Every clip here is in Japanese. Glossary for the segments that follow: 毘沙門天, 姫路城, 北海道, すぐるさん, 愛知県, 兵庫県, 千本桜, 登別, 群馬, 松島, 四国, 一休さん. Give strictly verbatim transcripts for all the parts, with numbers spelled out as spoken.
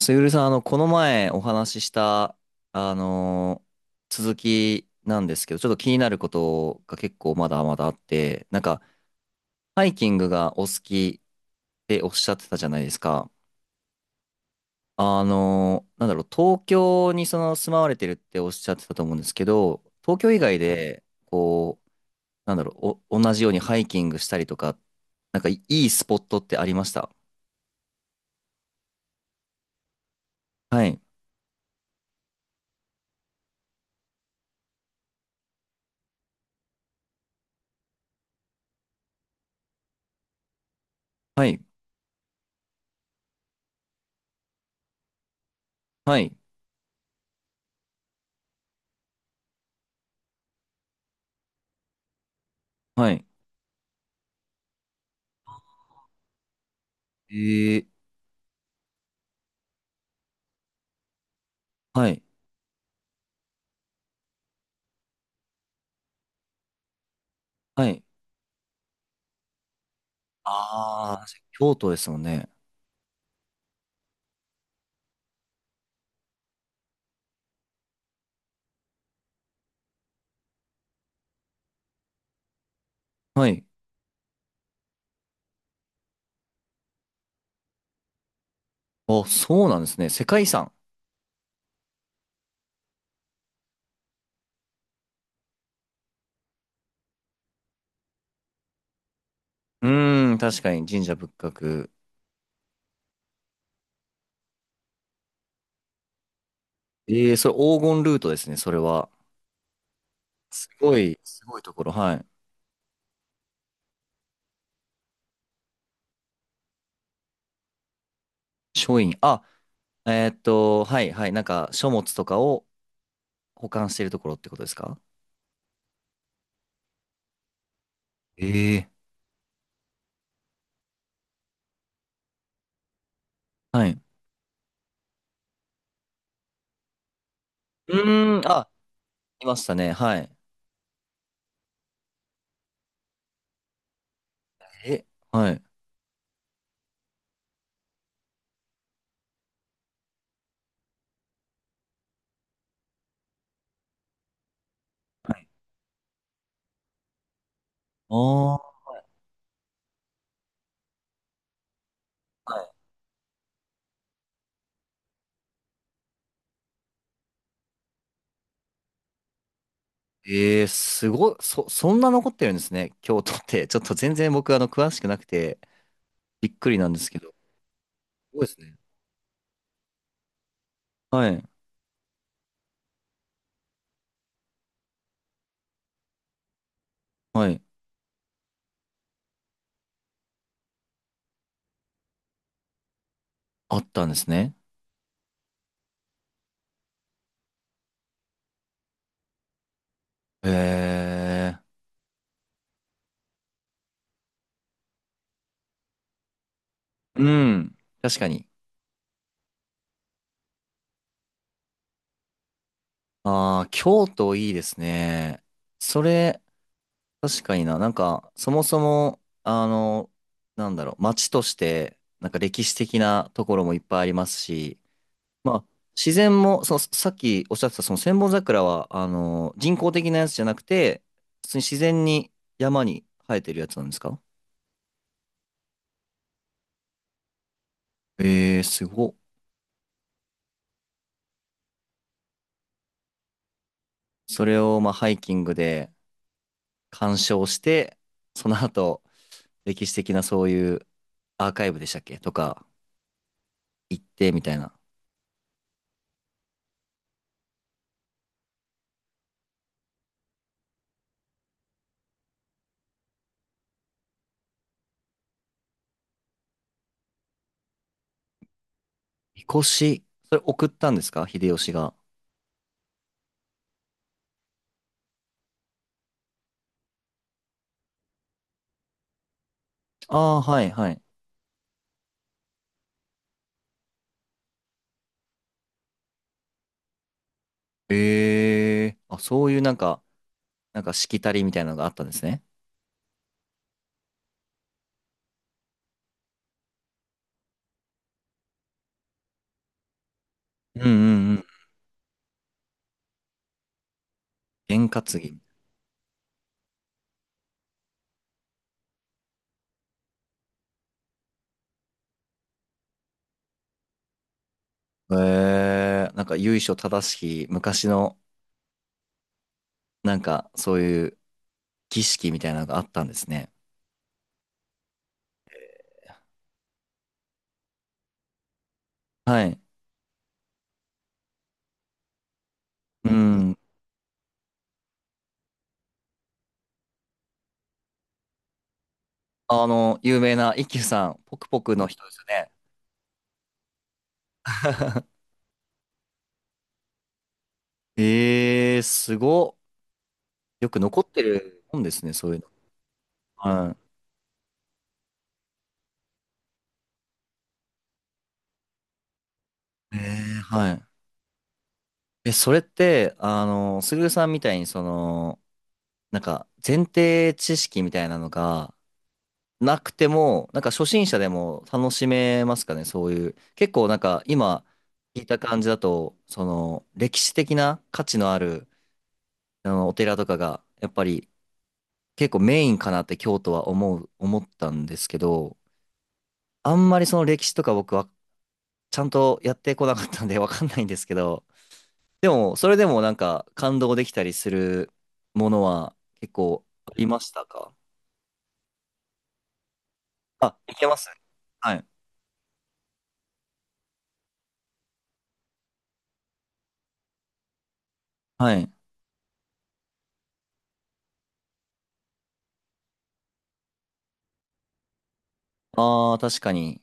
すゆるさん、あの、この前お話しした、あのー続きなんですけど、ちょっと気になることが結構まだまだあって、なんか、ハイキングがお好きっておっしゃってたじゃないですか。あのーなんだろう、東京にその住まわれてるっておっしゃってたと思うんですけど、東京以外で、こう、なんだろう、お、同じようにハイキングしたりとか、なんかいいいスポットってありました？はい、はい、はい、はい、えー、はい、はい。ああ、京都ですもんね。はい。あ、そうなんですね。世界遺産。うーん、確かに神社仏閣。ええそれ黄金ルートですね、それは。すごい、すごいところ。はい。書院。あ、えーっと、はい、はい。なんか、書物とかを保管しているところってことですか？ええはい。うーん、あ、いましたね。はい。え、はい。ああ、ええすごい。そ、そんな残ってるんですね、京都って。ちょっと全然僕、あの、詳しくなくて、びっくりなんですけど。すごいですね。はい。はい。あったんですね。へえ。うん。確かに。ああ、京都いいですね。それ、確かにな。なんか、そもそも、あの、なんだろう、街として、なんか歴史的なところもいっぱいありますし、まあ、自然も、その、さっきおっしゃってた、その千本桜は、あの、人工的なやつじゃなくて、普通に自然に山に生えてるやつなんですか？ええー、すごっ。それを、まあ、ハイキングで、鑑賞して、その後、歴史的なそういうアーカイブでしたっけとか行ってみたいな。みこし、それ送ったんですか秀吉が？ああ、はいはい。ええあ、そういうなんか、なんかしきたりみたいなのがあったんですね。うんうんうん。験担ぎ。ええなんか由緒正しき昔の、なんかそういう儀式みたいなのがあったんですね。はい。うん。あの、有名な一休さん、ポクポクの人ですよね。ええー、すごっ。よく残ってる本ですね、そういうの。はい。ええはい。え、それって、あの、すぐるさんみたいに、その、なんか、前提知識みたいなのがなくても、なんか初心者でも楽しめますかね、そういう。結構なんか、今、聞いた感じだと、その、歴史的な価値のある、あの、お寺とかが、やっぱり、結構メインかなって京都は思う、思ったんですけど、あんまりその歴史とか僕はちゃんとやってこなかったんで わかんないんですけど、でも、それでもなんか感動できたりするものは結構ありましたか？あ、いけますはい。はい。ああ、確かに。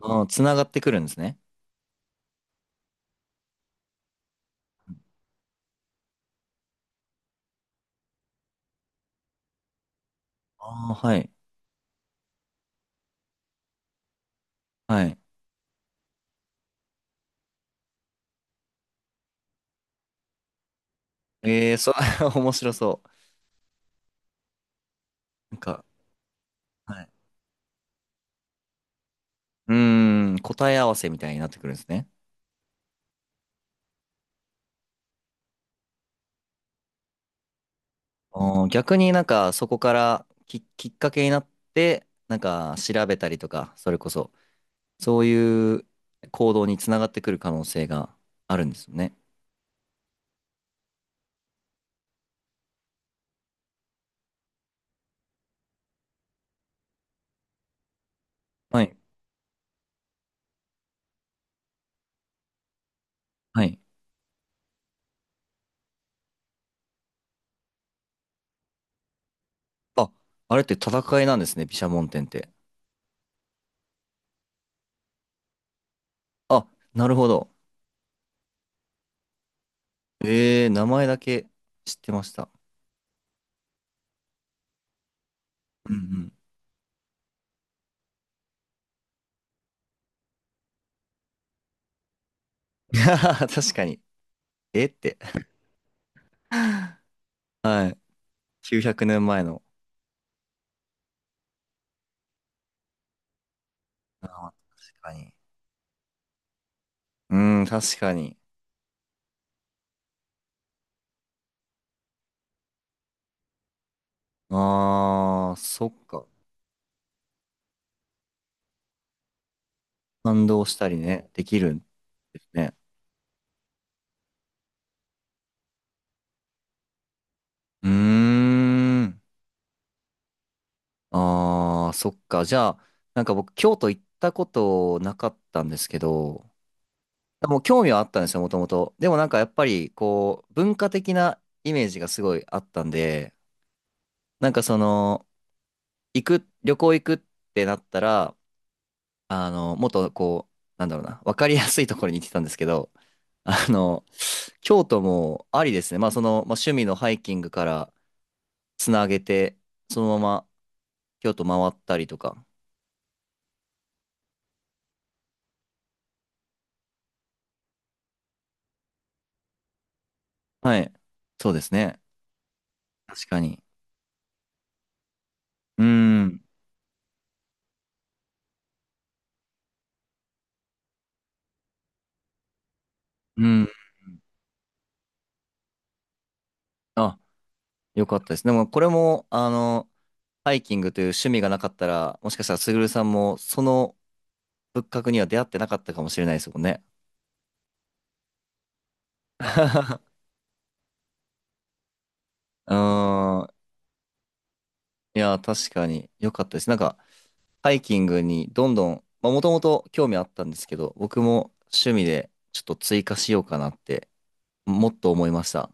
うん、つながってくるんですね。ああ、はい。はい。ええー、そ、面白そう。なんか、はい。うーん、答え合わせみたいになってくるんですね。あー逆になんかそこからき、きっかけになって、なんか調べたりとか、それこそ。そういう行動につながってくる可能性があるんですよね。はい。はい。あ、あれって戦いなんですね、毘沙門天って。あ、なるほど。えー、名前だけ知ってました。うんうん。確かに。えって。はい。きゅうひゃくねんまえの。あー確かに。うん、確かに。あー、そっか。感動したりね、できるんですね。うーん。ああ、そっか。じゃあ、なんか僕、京都行ったことなかったんですけど、もう興味はあったんですよ、もともと。でもなんかやっぱり、こう、文化的なイメージがすごいあったんで、なんかその、行く、旅行行くってなったら、あの、もっとこう、なんだろうな、わかりやすいところに行ってたんですけど、あの、京都もありですね。まあその、まあ、趣味のハイキングからつなげて、そのまま京都回ったりとか。はい、そうですね。確かに。うーん。うん。あ、よかったです。でも、これも、あの、ハイキングという趣味がなかったら、もしかしたら、すぐるさんも、その仏閣には出会ってなかったかもしれないですもんね。うーん。いや、確かに、よかったです。なんか、ハイキングにどんどん、まあ、もともと興味あったんですけど、僕も趣味で、ちょっと追加しようかなって、もっと思いました。